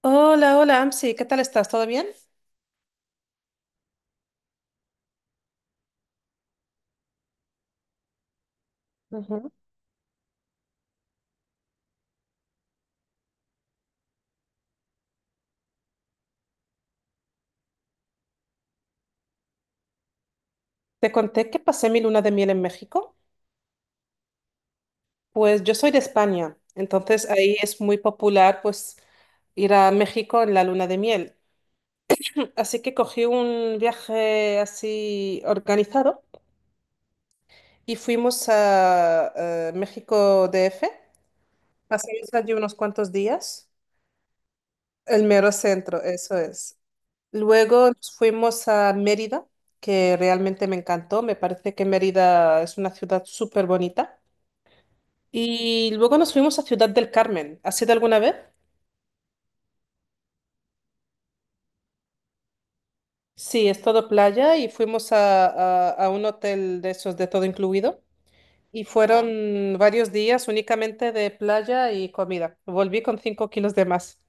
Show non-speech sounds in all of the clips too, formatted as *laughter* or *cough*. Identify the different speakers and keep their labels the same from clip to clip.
Speaker 1: Hola, hola, Amsi, ¿qué tal estás? ¿Todo bien? Ujú. Te conté que pasé mi luna de miel en México. Pues yo soy de España, entonces ahí es muy popular pues ir a México en la luna de miel. *clears throat* Así que cogí un viaje así organizado y fuimos a, México D F. Pasamos allí unos cuantos días. El mero centro, eso es. Luego nos fuimos a Mérida, que realmente me encantó. Me parece que Mérida es una ciudad súper bonita. Y luego nos fuimos a Ciudad del Carmen. ¿Has ido alguna vez? Sí, es todo playa y fuimos a, a un hotel de esos de todo incluido. Y fueron varios días únicamente de playa y comida. Volví con 5 kilos de más.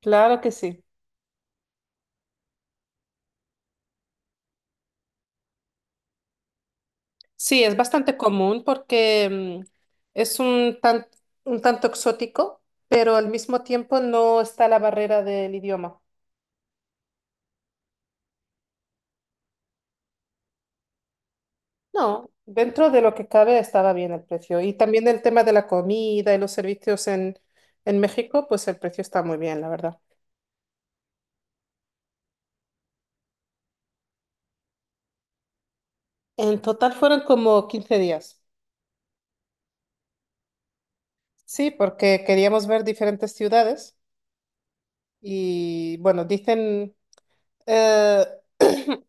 Speaker 1: Claro que sí. Sí, es bastante común porque es un un tanto exótico, pero al mismo tiempo no está la barrera del idioma. No, dentro de lo que cabe estaba bien el precio. Y también el tema de la comida y los servicios en México, pues el precio está muy bien, la verdad. En total fueron como 15 días. Sí, porque queríamos ver diferentes ciudades y bueno, dicen, eh, *clears throat*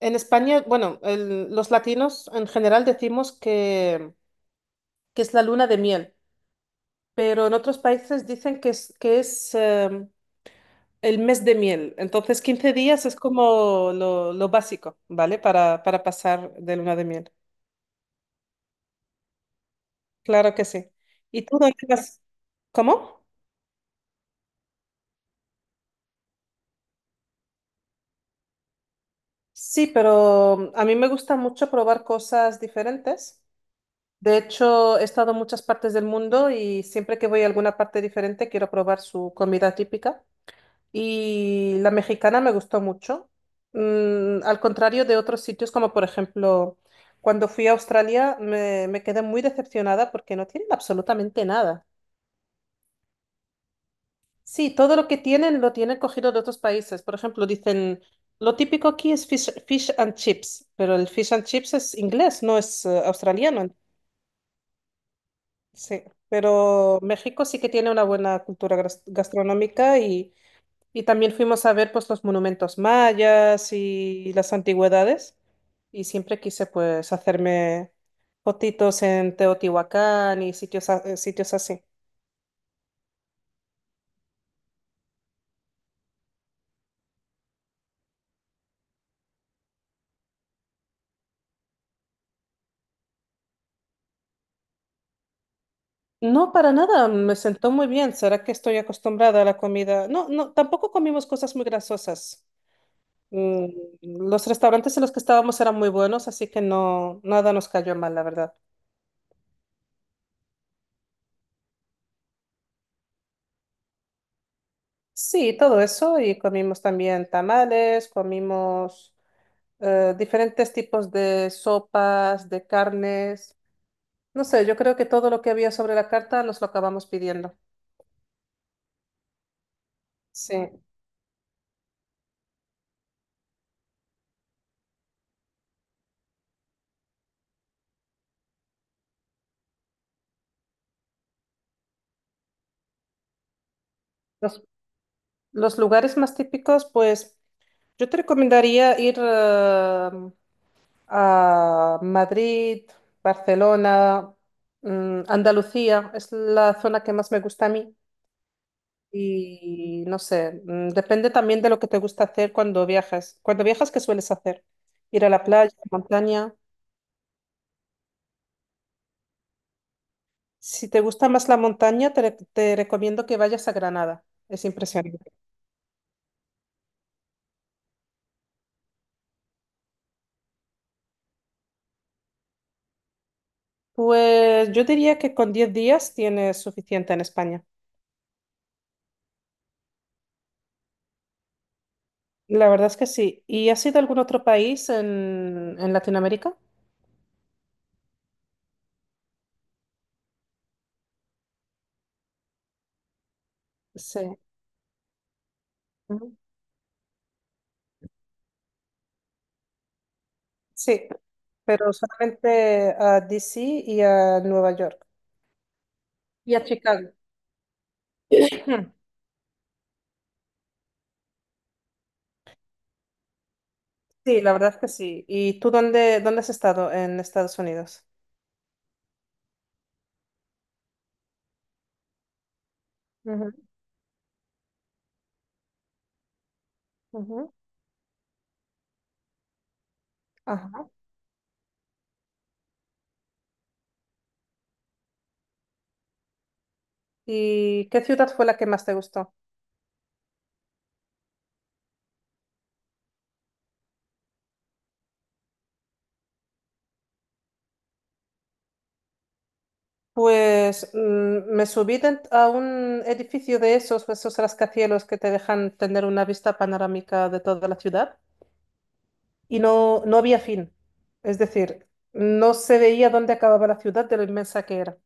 Speaker 1: en España, bueno, los latinos en general decimos que es la luna de miel, pero en otros países dicen que es el mes de miel. Entonces, 15 días es como lo básico, ¿vale? Para pasar de luna de miel. Claro que sí. ¿Y tú dónde vas? ¿Cómo? Sí, pero a mí me gusta mucho probar cosas diferentes. De hecho, he estado en muchas partes del mundo y siempre que voy a alguna parte diferente quiero probar su comida típica. Y la mexicana me gustó mucho. Mm, al contrario de otros sitios, como por ejemplo, cuando fui a Australia, me quedé muy decepcionada porque no tienen absolutamente nada. Sí, todo lo que tienen lo tienen cogido de otros países. Por ejemplo, dicen, lo típico aquí es fish and chips, pero el fish and chips es inglés, no es australiano. Sí, pero México sí que tiene una buena cultura gastronómica. Y también fuimos a ver pues los monumentos mayas y las antigüedades. Y siempre quise pues hacerme fotitos en Teotihuacán y sitios, sitios así. No, para nada, me sentó muy bien. ¿Será que estoy acostumbrada a la comida? No, no, tampoco comimos cosas muy grasosas. Mm. Los restaurantes en los que estábamos eran muy buenos, así que no, nada nos cayó mal, la verdad. Sí, todo eso, y comimos también tamales, comimos diferentes tipos de sopas, de carnes. No sé, yo creo que todo lo que había sobre la carta nos lo acabamos pidiendo. Sí. Los, los lugares más típicos, pues yo te recomendaría ir a Madrid, Barcelona, mm, Andalucía. Es la zona que más me gusta a mí. Y no sé, mm, depende también de lo que te gusta hacer cuando viajas. Cuando viajas, ¿qué sueles hacer? ¿Ir a la playa, montaña? Si te gusta más la montaña, te, te recomiendo que vayas a Granada. Es impresionante. Pues yo diría que con 10 días tienes suficiente en España. La verdad es que sí. ¿Y has ido a algún otro país en Latinoamérica? Sí. Ujú. Sí, pero solamente a DC y a Nueva York. Y a Chicago. *clears throat* Sí, la verdad es que sí. ¿Y tú dónde, dónde has estado en Estados Unidos? Ujú, ujú. Ajá. ¿Y qué ciudad fue la que más te gustó? Pues mm, me subí a un edificio de esos, esos rascacielos que te dejan tener una vista panorámica de toda la ciudad y no, no había fin. Es decir, no se veía dónde acababa la ciudad de lo inmensa que era.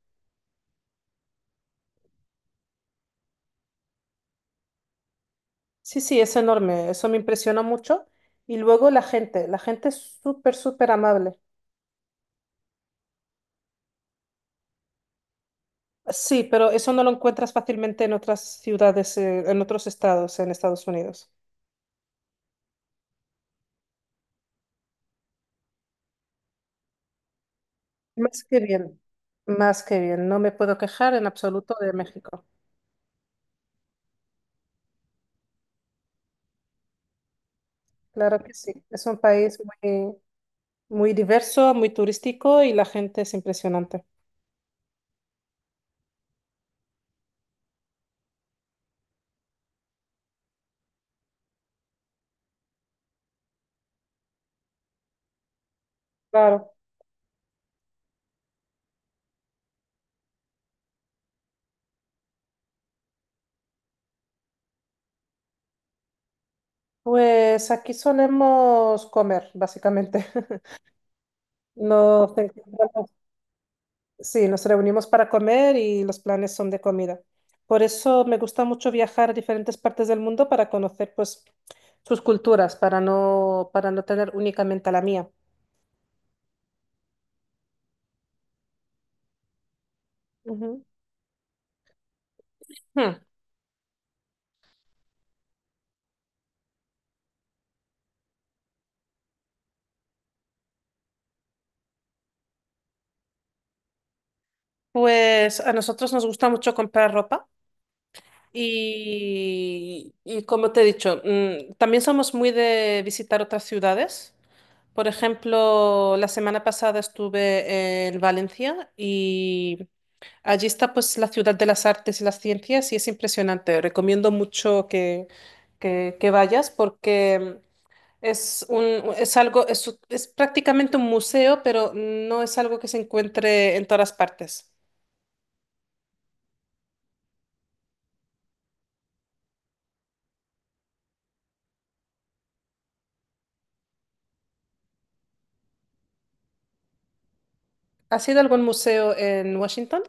Speaker 1: Sí, sí, es enorme. Eso me impresionó mucho. Y luego la gente es súper, súper amable. Sí, pero eso no lo encuentras fácilmente en otras ciudades, en otros estados, en Estados Unidos. Más que bien, más que bien. No me puedo quejar en absoluto de México. Claro que sí. Es un país muy, muy diverso, muy turístico y la gente es impresionante. Claro. Pues aquí solemos comer, básicamente. *laughs* Nos encontramos- sí, nos reunimos para comer y los planes son de comida. Por eso me gusta mucho viajar a diferentes partes del mundo para conocer pues sus culturas, para no tener únicamente la mía. Ujú. Hmm. Pues a nosotros nos gusta mucho comprar ropa. Y como te he dicho, mm, también somos muy de visitar otras ciudades. Por ejemplo, la semana pasada estuve en Valencia y allí está pues la ciudad de las artes y las ciencias y es impresionante. Recomiendo mucho que, que vayas porque es un, es algo, es prácticamente un museo, pero no es algo que se encuentre en todas partes. ¿Has ido a algún museo en Washington?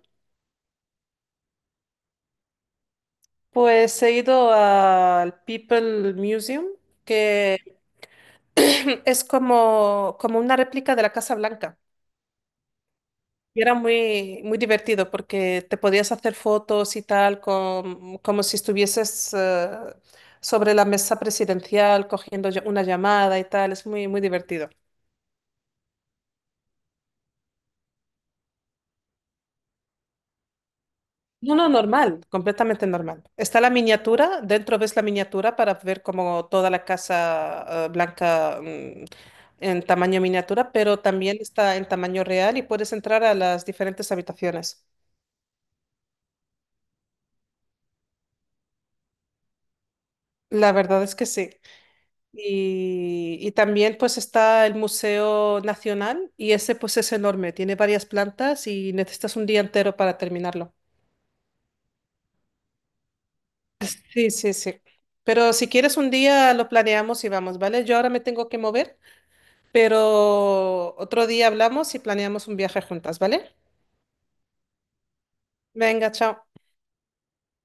Speaker 1: Pues he ido al People Museum, que *clears throat* es como, como una réplica de la Casa Blanca. Y era muy, muy divertido porque te podías hacer fotos y tal, como si estuvieses sobre la mesa presidencial cogiendo una llamada y tal. Es muy, muy divertido. No, no, normal, completamente normal. Está la miniatura, dentro ves la miniatura para ver como toda la casa blanca, mm, en tamaño miniatura, pero también está en tamaño real y puedes entrar a las diferentes habitaciones. La verdad es que sí. Y también pues está el Museo Nacional y ese pues es enorme, tiene varias plantas y necesitas un día entero para terminarlo. Sí, sí, sí. Pero si quieres un día lo planeamos y vamos, ¿vale? Yo ahora me tengo que mover. Pero otro día hablamos y planeamos un viaje juntas, ¿vale? Venga, chao.